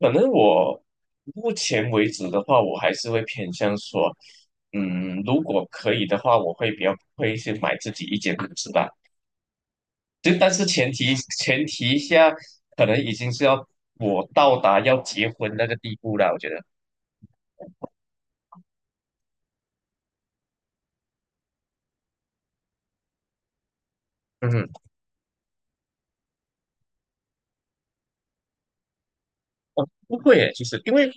可能我目前为止的话，我还是会偏向说，如果可以的话，我会比较会去买自己一间屋子吧。就但是前提下，可能已经是要我到达要结婚那个地步了。我觉得，嗯，哦，不会耶，其实因为，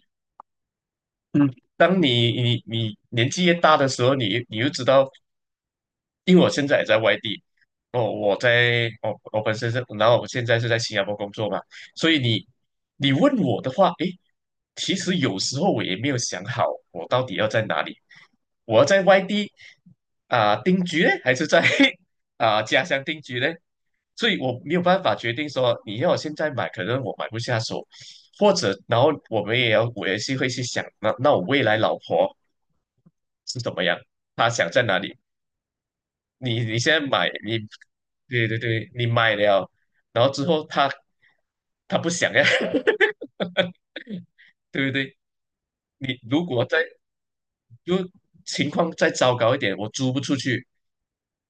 嗯，当你年纪越大的时候，你又知道因为我现在也在外地，哦，我在，我我本身是，然后我现在是在新加坡工作嘛，所以你问我的话，诶，其实有时候我也没有想好，我到底要在哪里，我要在外地啊、定居呢，还是在 啊、家乡定居呢？所以我没有办法决定说你要我现在买，可能我买不下手，或者然后我们也要我也是会去想，那我未来老婆是怎么样，她想在哪里？你你现在买你，对对对，你买了，然后之后他不想呀，对不对？你如果再就情况再糟糕一点，我租不出去，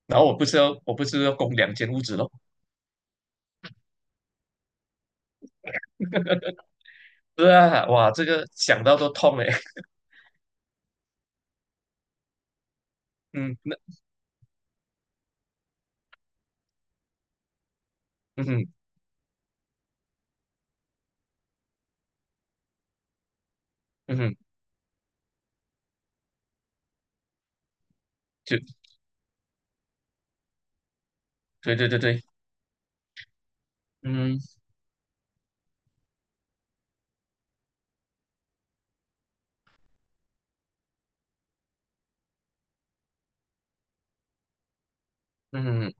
然后我不是要供两间屋子咯？对啊，哇，这个想到都痛哎。嗯，那嗯哼嗯哼，就对对对对，嗯嗯，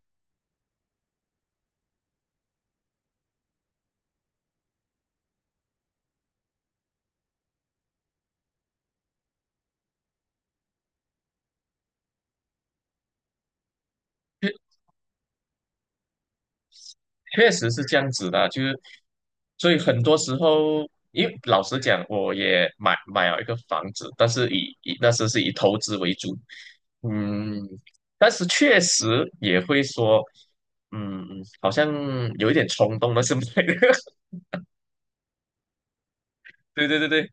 确实是这样子的啊，就是所以很多时候，因为老实讲，我也买了一个房子，但是那时是以投资为主，嗯，但是确实也会说，嗯，好像有一点冲动了，是不是？对对对对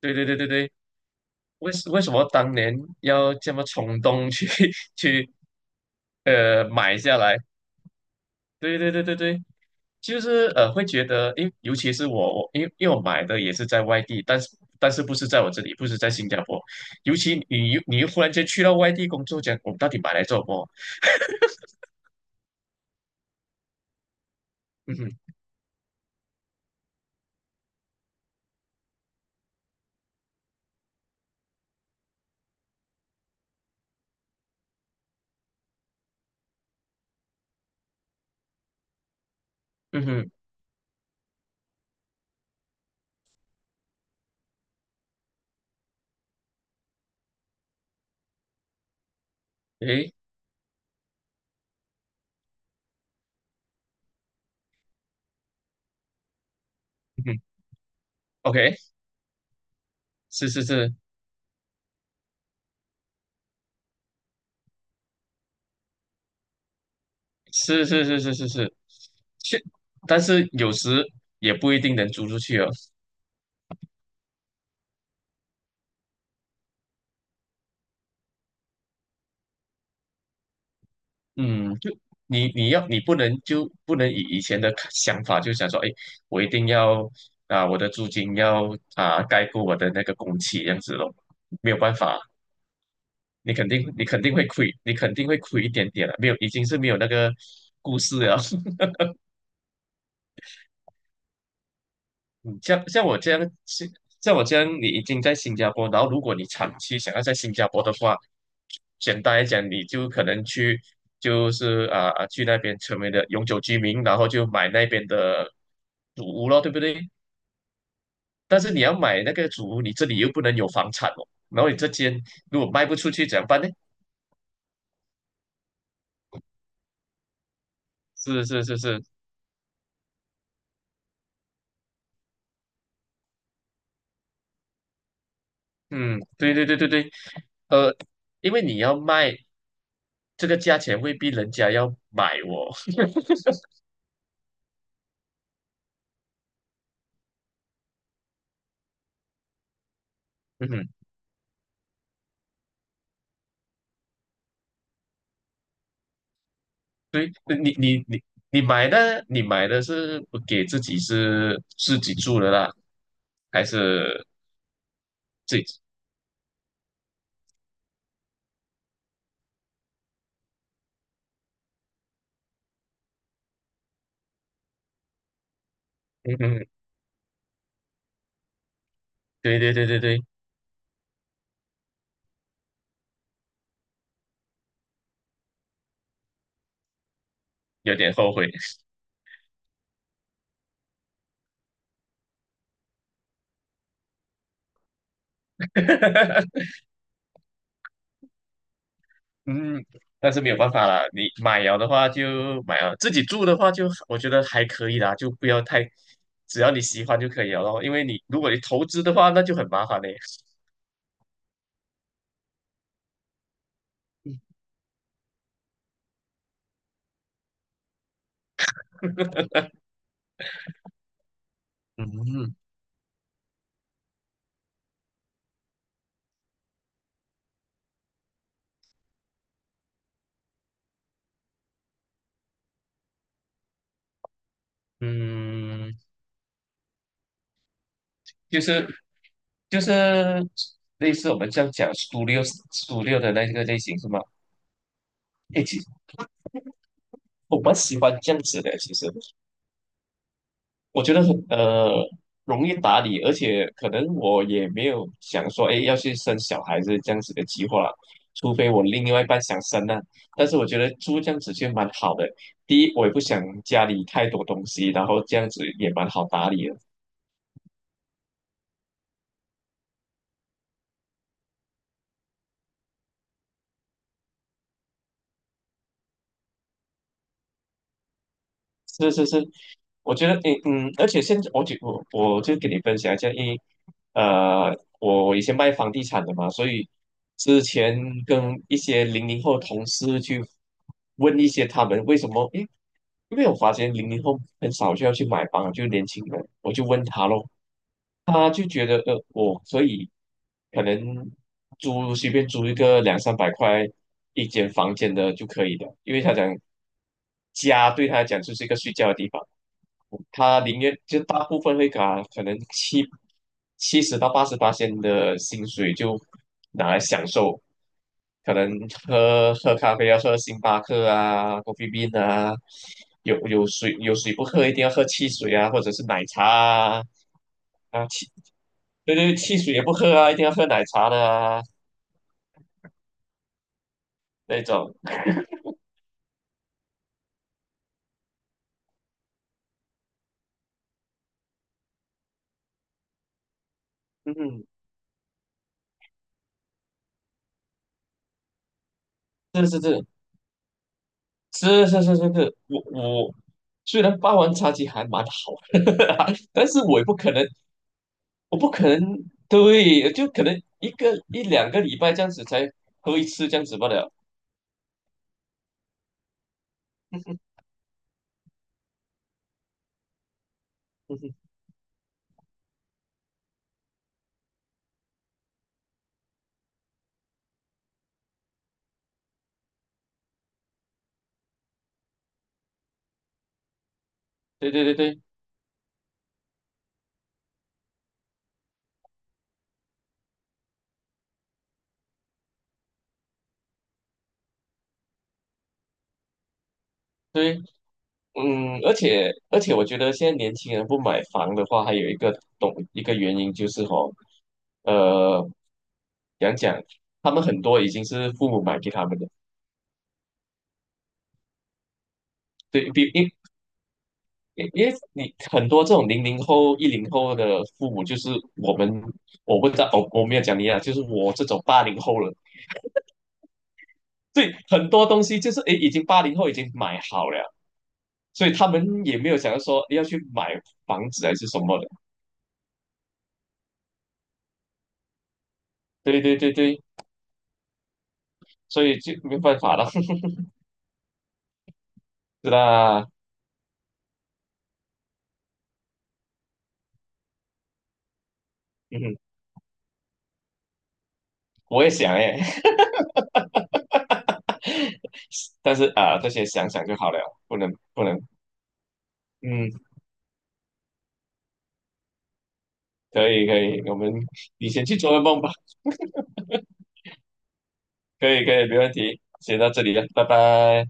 对对对对对，为什么当年要这么冲动去 去买下来？对对对对对，就是会觉得，尤其是我因为我买的也是在外地，但是不是在我这里，不是在新加坡，尤其你又忽然间去到外地工作，讲我们到底买来做什么？嗯哼，嗯哼，诶，嗯哼，OK，是是是是是是是是是，是，但是有时也不一定能租出去哦。嗯，就你你要你不能就不能以以前的看想法，就想说，哎，我一定要啊，我的租金要啊盖过我的那个工期这样子咯，没有办法，你肯定会亏，你肯定会亏一点点的，没有已经是没有那个故事了。像我这样，像我这样，你已经在新加坡，然后如果你长期想要在新加坡的话，简单来讲，你就可能去，就是去那边成为了永久居民，然后就买那边的主屋咯，对不对？但是你要买那个主屋，你这里又不能有房产哦，然后你这间如果卖不出去怎么办呢？是是是是，嗯，对对对对对，呃，因为你要卖这个价钱，未必人家要买哦。嗯哼。对，你你你你买的，你买的是不给自己是自己住的啦，还是自己？嗯嗯，对对对对对，有点后悔。嗯，但是没有办法啦，你买了的话就买了，自己住的话就我觉得还可以啦，就不要太，只要你喜欢就可以了咯。因为你如果你投资的话，那就很麻烦嘞。嗯嗯，就是就是类似我们这样讲 studio 的那个类型是吗？诶，我蛮喜欢这样子的，其实我觉得很容易打理，而且可能我也没有想说，哎，要去生小孩子这样子的计划，除非我另外一半想生呢、但是我觉得租这样子就蛮好的，第一，我也不想家里太多东西，然后这样子也蛮好打理的。是是是，我觉得，诶，而且现在我就跟你分享一下，因为我以前卖房地产的嘛，所以之前跟一些零零后同事去问一些他们为什么，诶，因为我发现零零后很少就要去买房，就年轻人，我就问他咯，他就觉得所以可能随便租一个两三百块一间房间的就可以的，因为他讲家对他来讲就是一个睡觉的地方。他宁愿就大部分会搞，可能七七十到八十八千的薪水就拿来享受，可能喝喝咖啡要喝星巴克啊、c o f f 啊，有水不喝一定要喝汽水啊，或者是奶茶啊对对汽水也不喝啊，一定要喝奶茶的啊那种，嗯，是是是是是是是是，我。虽然霸王茶姬还蛮好的，但是我也不可能我不可能，对，就可能一个一两个礼拜这样子才喝一次这样子罢了。嗯哼对对对对对，而且，我觉得现在年轻人不买房的话，还有一个懂一个原因就是吼，呃，讲讲他们很多已经是父母买给他们的，对比因为你很多这种零零后、10后的父母，就是我们我不知道，我没有讲你啊，就是我这种八零后了。对，很多东西就是诶，已经八零后已经买好了，所以他们也没有想要说诶要去买房子还是什么的。对对对对，所以就没办法了。是啦，嗯，我也想诶，但是啊，这些想想就好了，不能不能，嗯，可以可以，你先去做个梦吧，可以可以，没问题，先到这里了，拜拜。